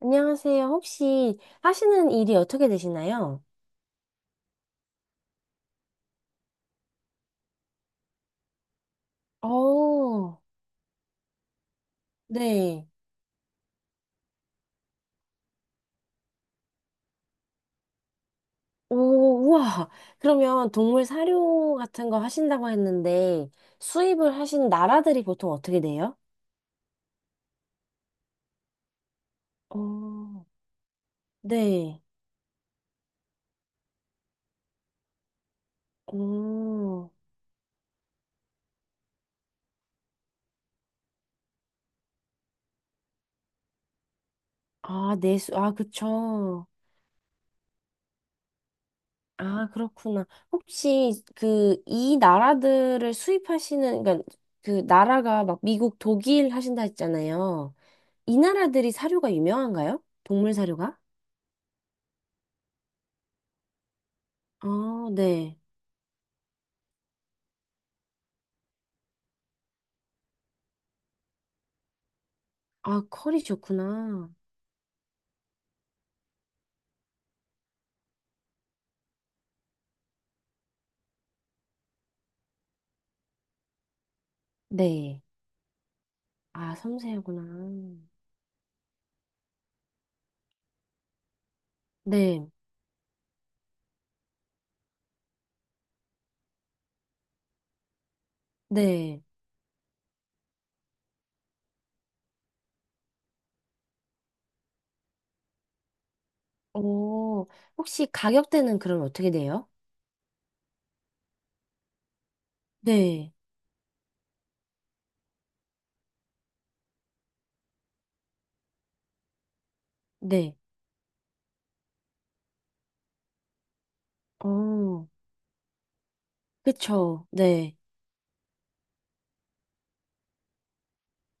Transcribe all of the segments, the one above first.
안녕하세요. 혹시 하시는 일이 어떻게 되시나요? 어, 네. 오, 우와. 그러면 동물 사료 같은 거 하신다고 했는데 수입을 하신 나라들이 보통 어떻게 돼요? 어, 네. 오, 아, 내수, 아, 그쵸. 아, 그렇구나. 혹시 그 이 나라들을 수입하시는, 그러니까 그 나라가 막 미국, 독일 하신다 했잖아요. 이 나라들이 사료가 유명한가요? 동물 사료가? 아, 네. 아, 컬이 좋구나. 네. 아, 섬세하구나. 네. 네. 어, 혹시 가격대는 그럼 어떻게 돼요? 네. 네. 어, 그쵸. 네.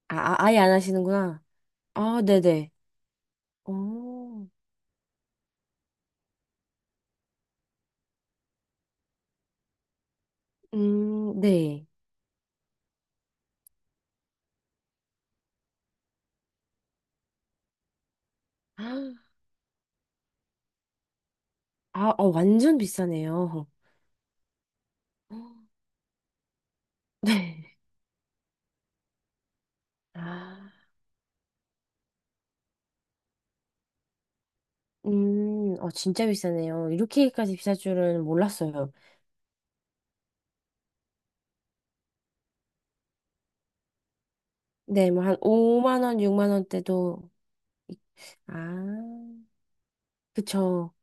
아, 아, 아예 안 하시는구나. 아, 네네. 어, 네. 아, 어, 완전 비싸네요. 네. 아, 어, 진짜 비싸네요. 이렇게까지 비쌀 줄은 몰랐어요. 네, 뭐 한 5만 원, 6만 원대도 아, 그쵸.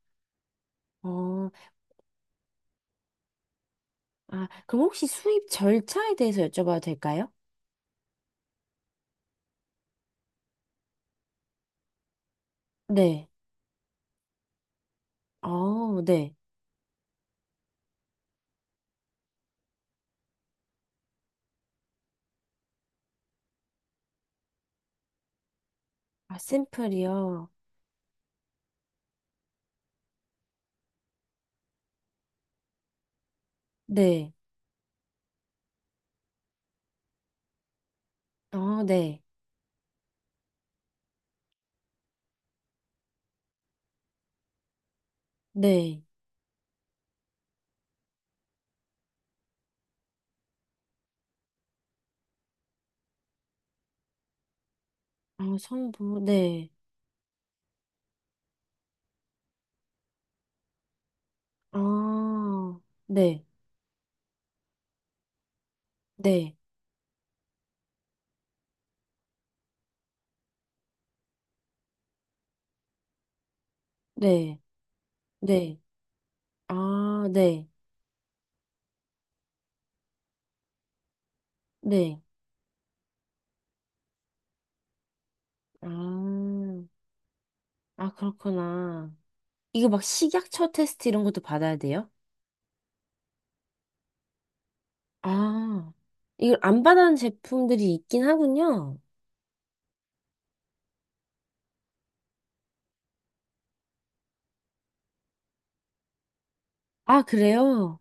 어, 아, 그럼 혹시 수입 절차에 대해서 여쭤봐도 될까요? 네. 어, 네. 아, 샘플이요. 네. 어, 네. 네. 아, 첨부. 네. 아, 네. 네. 네. 네. 아, 네. 네. 아, 아, 그렇구나. 이거 막 식약처 테스트 이런 것도 받아야 돼요? 아, 이걸 안 받아는 제품들이 있긴 하군요. 아, 그래요?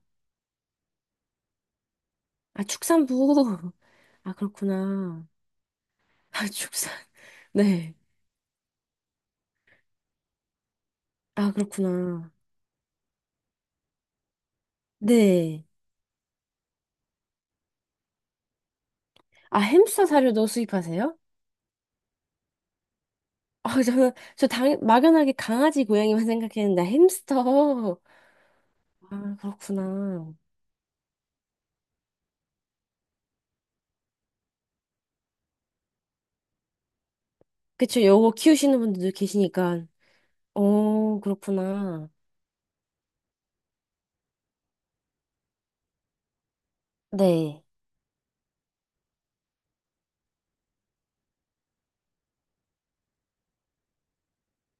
아, 축산부. 아, 그렇구나. 아, 축산. 네. 아, 그렇구나. 네. 아, 햄스터 사료도 수입하세요? 아, 저는, 저 당, 막연하게 강아지, 고양이만 생각했는데, 햄스터. 아, 그렇구나. 그쵸, 요거 키우시는 분들도 계시니까. 오 그렇구나. 네.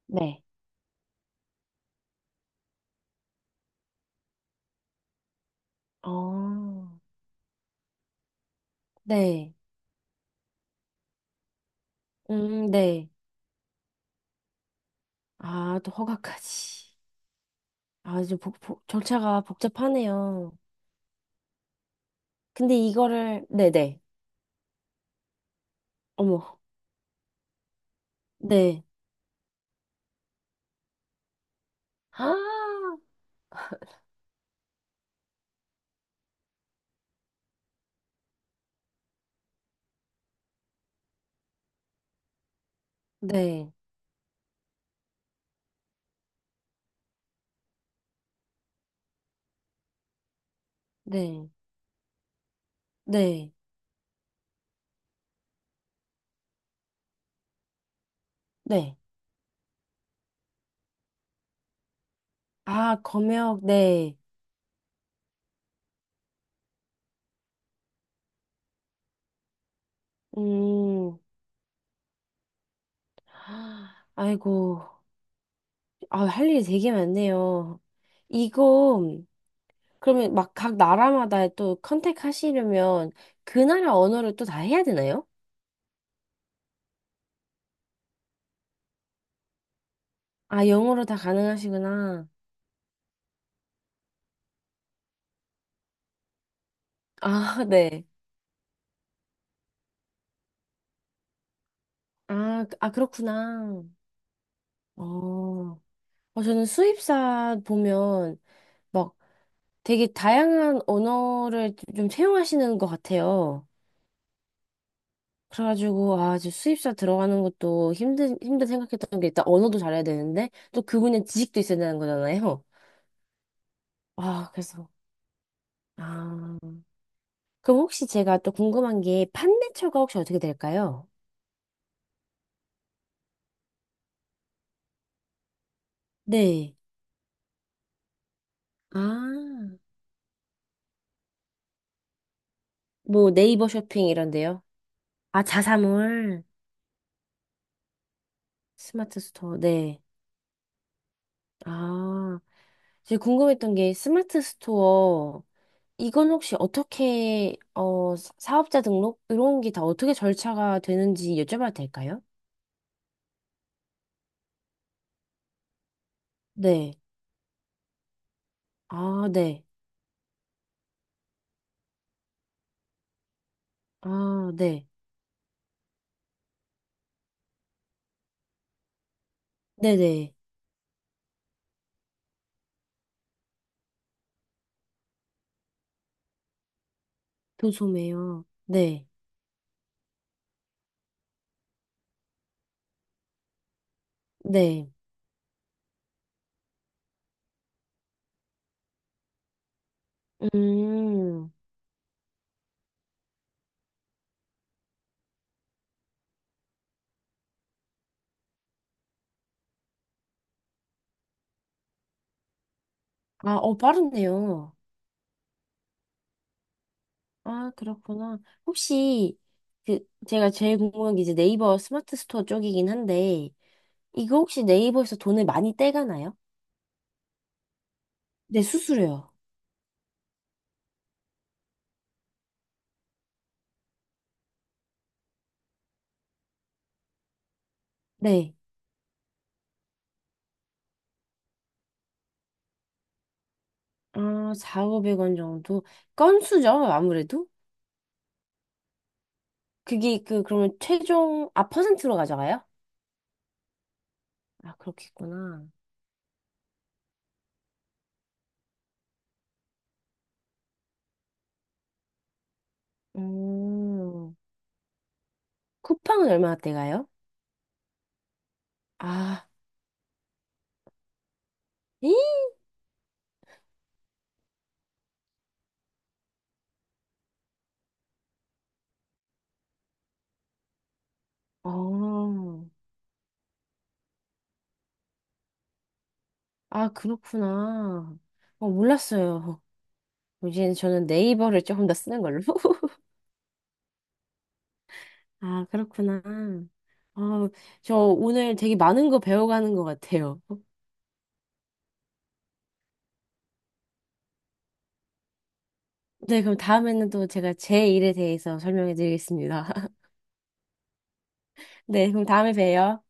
네. 어, 네. 네. 아, 또 허가까지. 아, 이제 복, 복, 절차가 복잡하네요. 근데 이거를, 네네. 어머, 네. 아, 네, 네, 네, 네. 아, 검역, 네. 음, 아이고. 아, 할 일이 되게 많네요. 이거, 그러면 막 각 나라마다 또 컨택 하시려면 그 나라 언어를 또 다 해야 되나요? 아, 영어로 다 가능하시구나. 아, 네. 아, 아, 그렇구나. 어, 어, 저는 수입사 보면 막 되게 다양한 언어를 좀 채용하시는 것 같아요. 그래가지고, 아, 저 수입사 들어가는 것도 힘든, 힘든 생각했던 게 일단 언어도 잘해야 되는데, 또 그분의 지식도 있어야 되는 거잖아요. 아, 그래서, 아. 그럼 혹시 제가 또 궁금한 게 판매처가 혹시 어떻게 될까요? 네. 아, 뭐 네이버 쇼핑 이런데요? 아, 자사몰, 스마트 스토어, 네. 아. 제가 궁금했던 게 스마트 스토어, 이건 혹시 어떻게, 어, 사업자 등록? 이런 게 다 어떻게 절차가 되는지 여쭤봐도 될까요? 네. 아, 네. 아, 네. 네네. 도소매요. 네. 네. 음. 아, 어, 빠르네요. 아, 그렇구나. 혹시, 그, 제가 제일 궁금한 게 이제 네이버 스마트 스토어 쪽이긴 한데, 이거 혹시 네이버에서 돈을 많이 떼가나요? 네, 수수료요. 네. 아, 4,500원 정도? 건수죠, 아무래도? 그게 그, 그러면 최종, 아, 퍼센트로 가져가요? 아, 그렇겠구나. 음, 쿠팡은 얼마나 떼가요? 아, 이? 어, 아, 그렇구나. 어, 몰랐어요. 이제 저는 네이버를 조금 더 쓰는 걸로. 아, 그렇구나. 어, 저 오늘 되게 많은 거 배워가는 것 같아요. 네, 그럼 다음에는 또 제가 제 일에 대해서 설명해 드리겠습니다. 네, 그럼 다음에 봬요.